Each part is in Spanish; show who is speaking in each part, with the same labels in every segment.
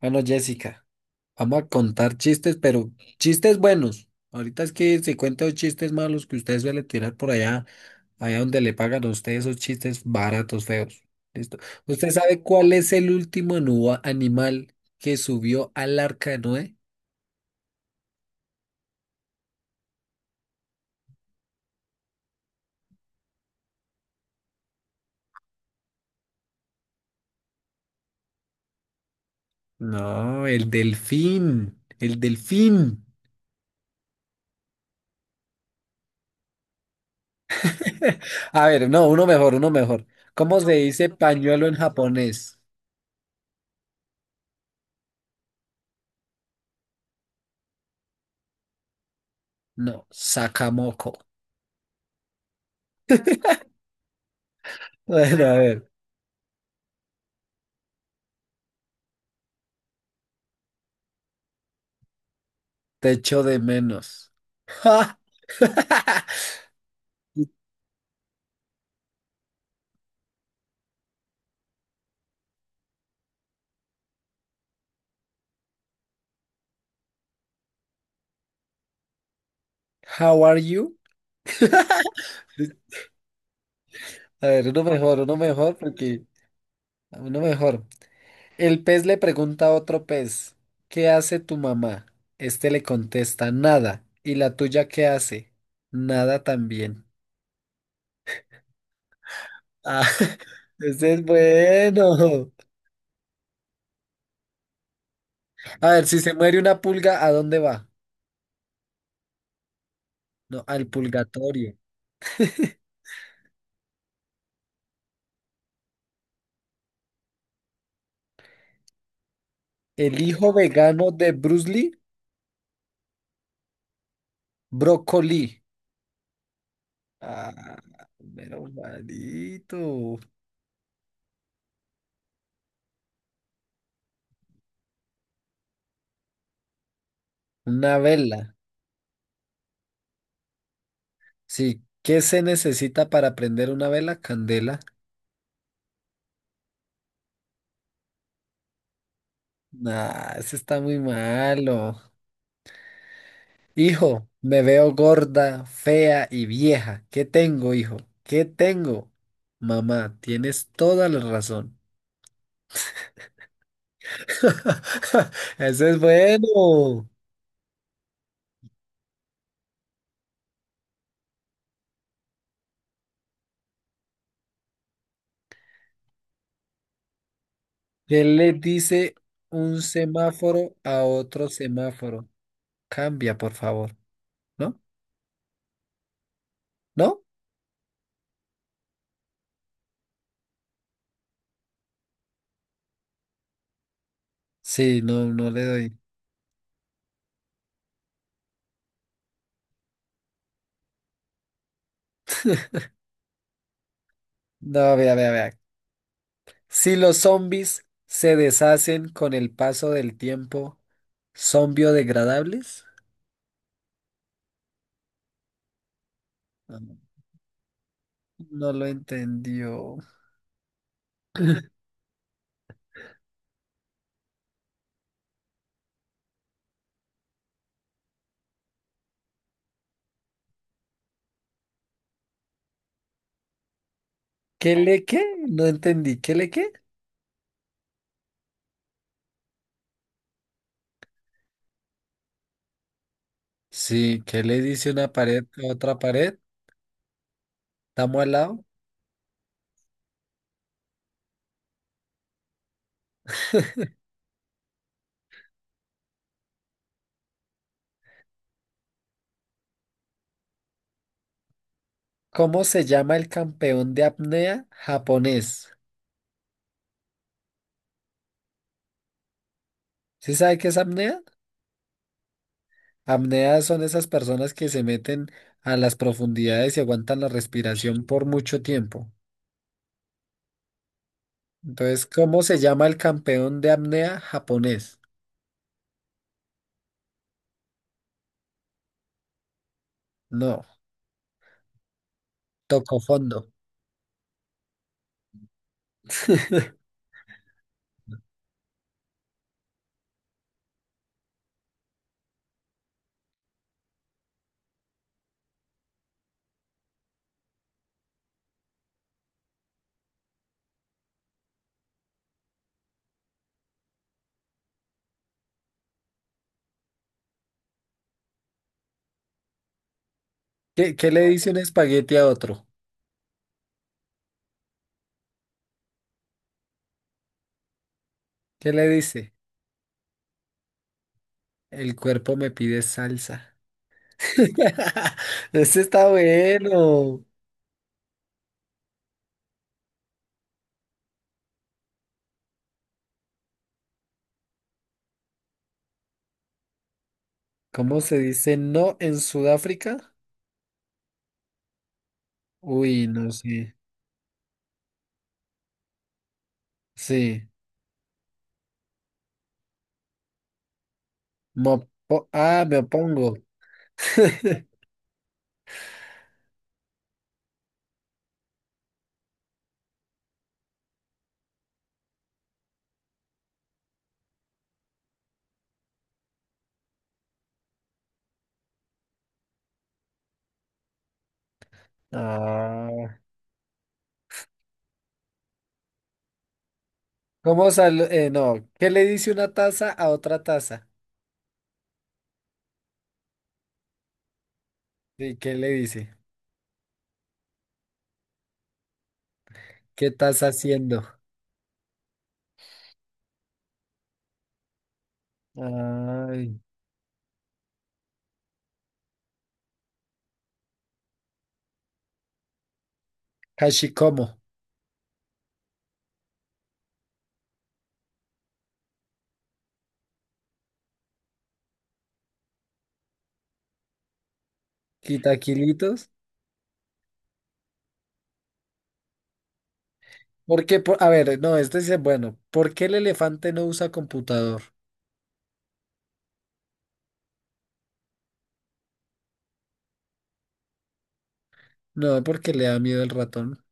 Speaker 1: Bueno, Jessica, vamos a contar chistes, pero chistes buenos. Ahorita es que se cuentan los chistes malos que ustedes suelen tirar por allá, allá donde le pagan a ustedes esos chistes baratos, feos. ¿Listo? ¿Usted sabe cuál es el último animal que subió al arca de Noé? No, el delfín. El delfín. A ver, no, uno mejor, uno mejor. ¿Cómo se dice pañuelo en japonés? No, sakamoko. Bueno, a ver. Te echo de menos. ¡Ja! How are you? A ver, uno mejor, porque uno mejor. El pez le pregunta a otro pez, ¿qué hace tu mamá? Este le contesta, nada. ¿Y la tuya qué hace? Nada también. Ah, ese es bueno. A ver, si se muere una pulga, ¿a dónde va? No, al pulgatorio. El hijo vegano de Bruce Lee, brócoli. Ah, pero malito. Una vela. Sí. ¿Qué se necesita para prender una vela? Candela. Nah, eso está muy malo. Hijo, me veo gorda, fea y vieja. ¿Qué tengo, hijo? ¿Qué tengo? Mamá, tienes toda la razón. Eso es bueno. ¿Qué le dice un semáforo a otro semáforo? Cambia, por favor. ¿No? ¿No? Sí, no, no le doy. No, vea, vea, vea. Si los zombies se deshacen con el paso del tiempo, ¿son biodegradables? Ah, no. No lo entendió. ¿Qué le qué? No entendí. ¿Qué le qué? Sí, ¿qué le dice una pared a otra pared? Estamos al lado. ¿Cómo se llama el campeón de apnea japonés? ¿Sí sabe qué es apnea? Apnea son esas personas que se meten a las profundidades y aguantan la respiración por mucho tiempo. Entonces, ¿cómo se llama el campeón de apnea japonés? No, tocó fondo. ¿Qué, qué le dice un espagueti a otro? ¿Qué le dice? El cuerpo me pide salsa. Ese está bueno. ¿Cómo se dice no en Sudáfrica? Uy, no sé. Sí. Mo- po- ah, me opongo. Ah, ¿cómo sal- no, ¿qué le dice una taza a otra taza? Sí, ¿qué le dice? ¿Qué estás haciendo? Ay. Hashikomo, quitaquilitos. ¿Por qué? Por- a ver, no, este dice, bueno, ¿por qué el elefante no usa computador? No, porque le da miedo el ratón.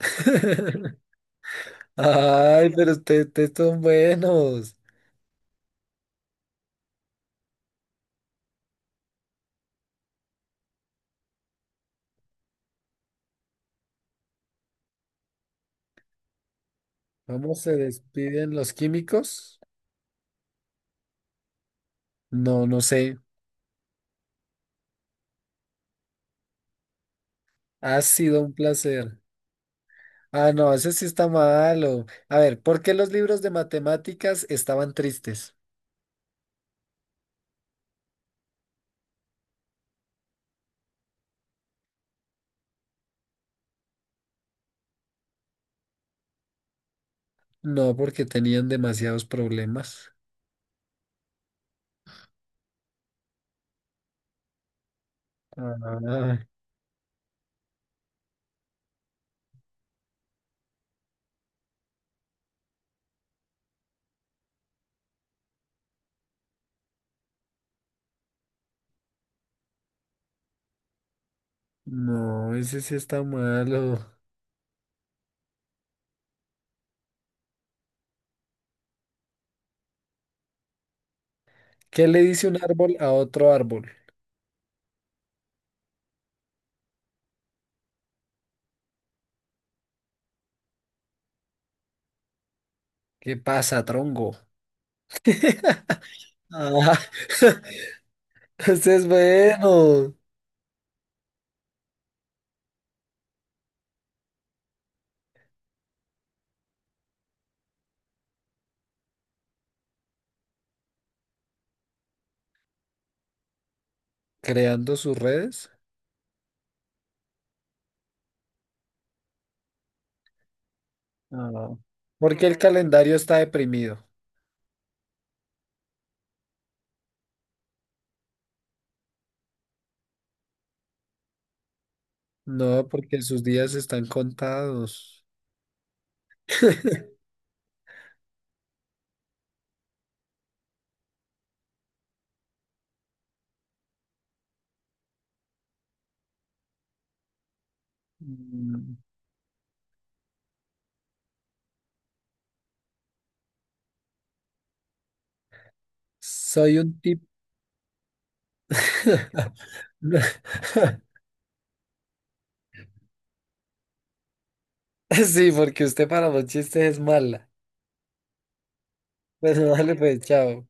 Speaker 1: Ay, pero ustedes son buenos. ¿Cómo se despiden los químicos? No, no sé. Ha sido un placer. Ah, no, ese sí está malo. A ver, ¿por qué los libros de matemáticas estaban tristes? No, porque tenían demasiados problemas. Ah, no, ese sí está malo. ¿Qué le dice un árbol a otro árbol? ¿Qué pasa, tronco? Ah, ese es bueno. Creando sus redes. Ah. ¿Por qué el calendario está deprimido? No, porque sus días están contados. Mm. Soy un tip. Sí, porque usted para los chistes es mala. Bueno, dale pues, chao.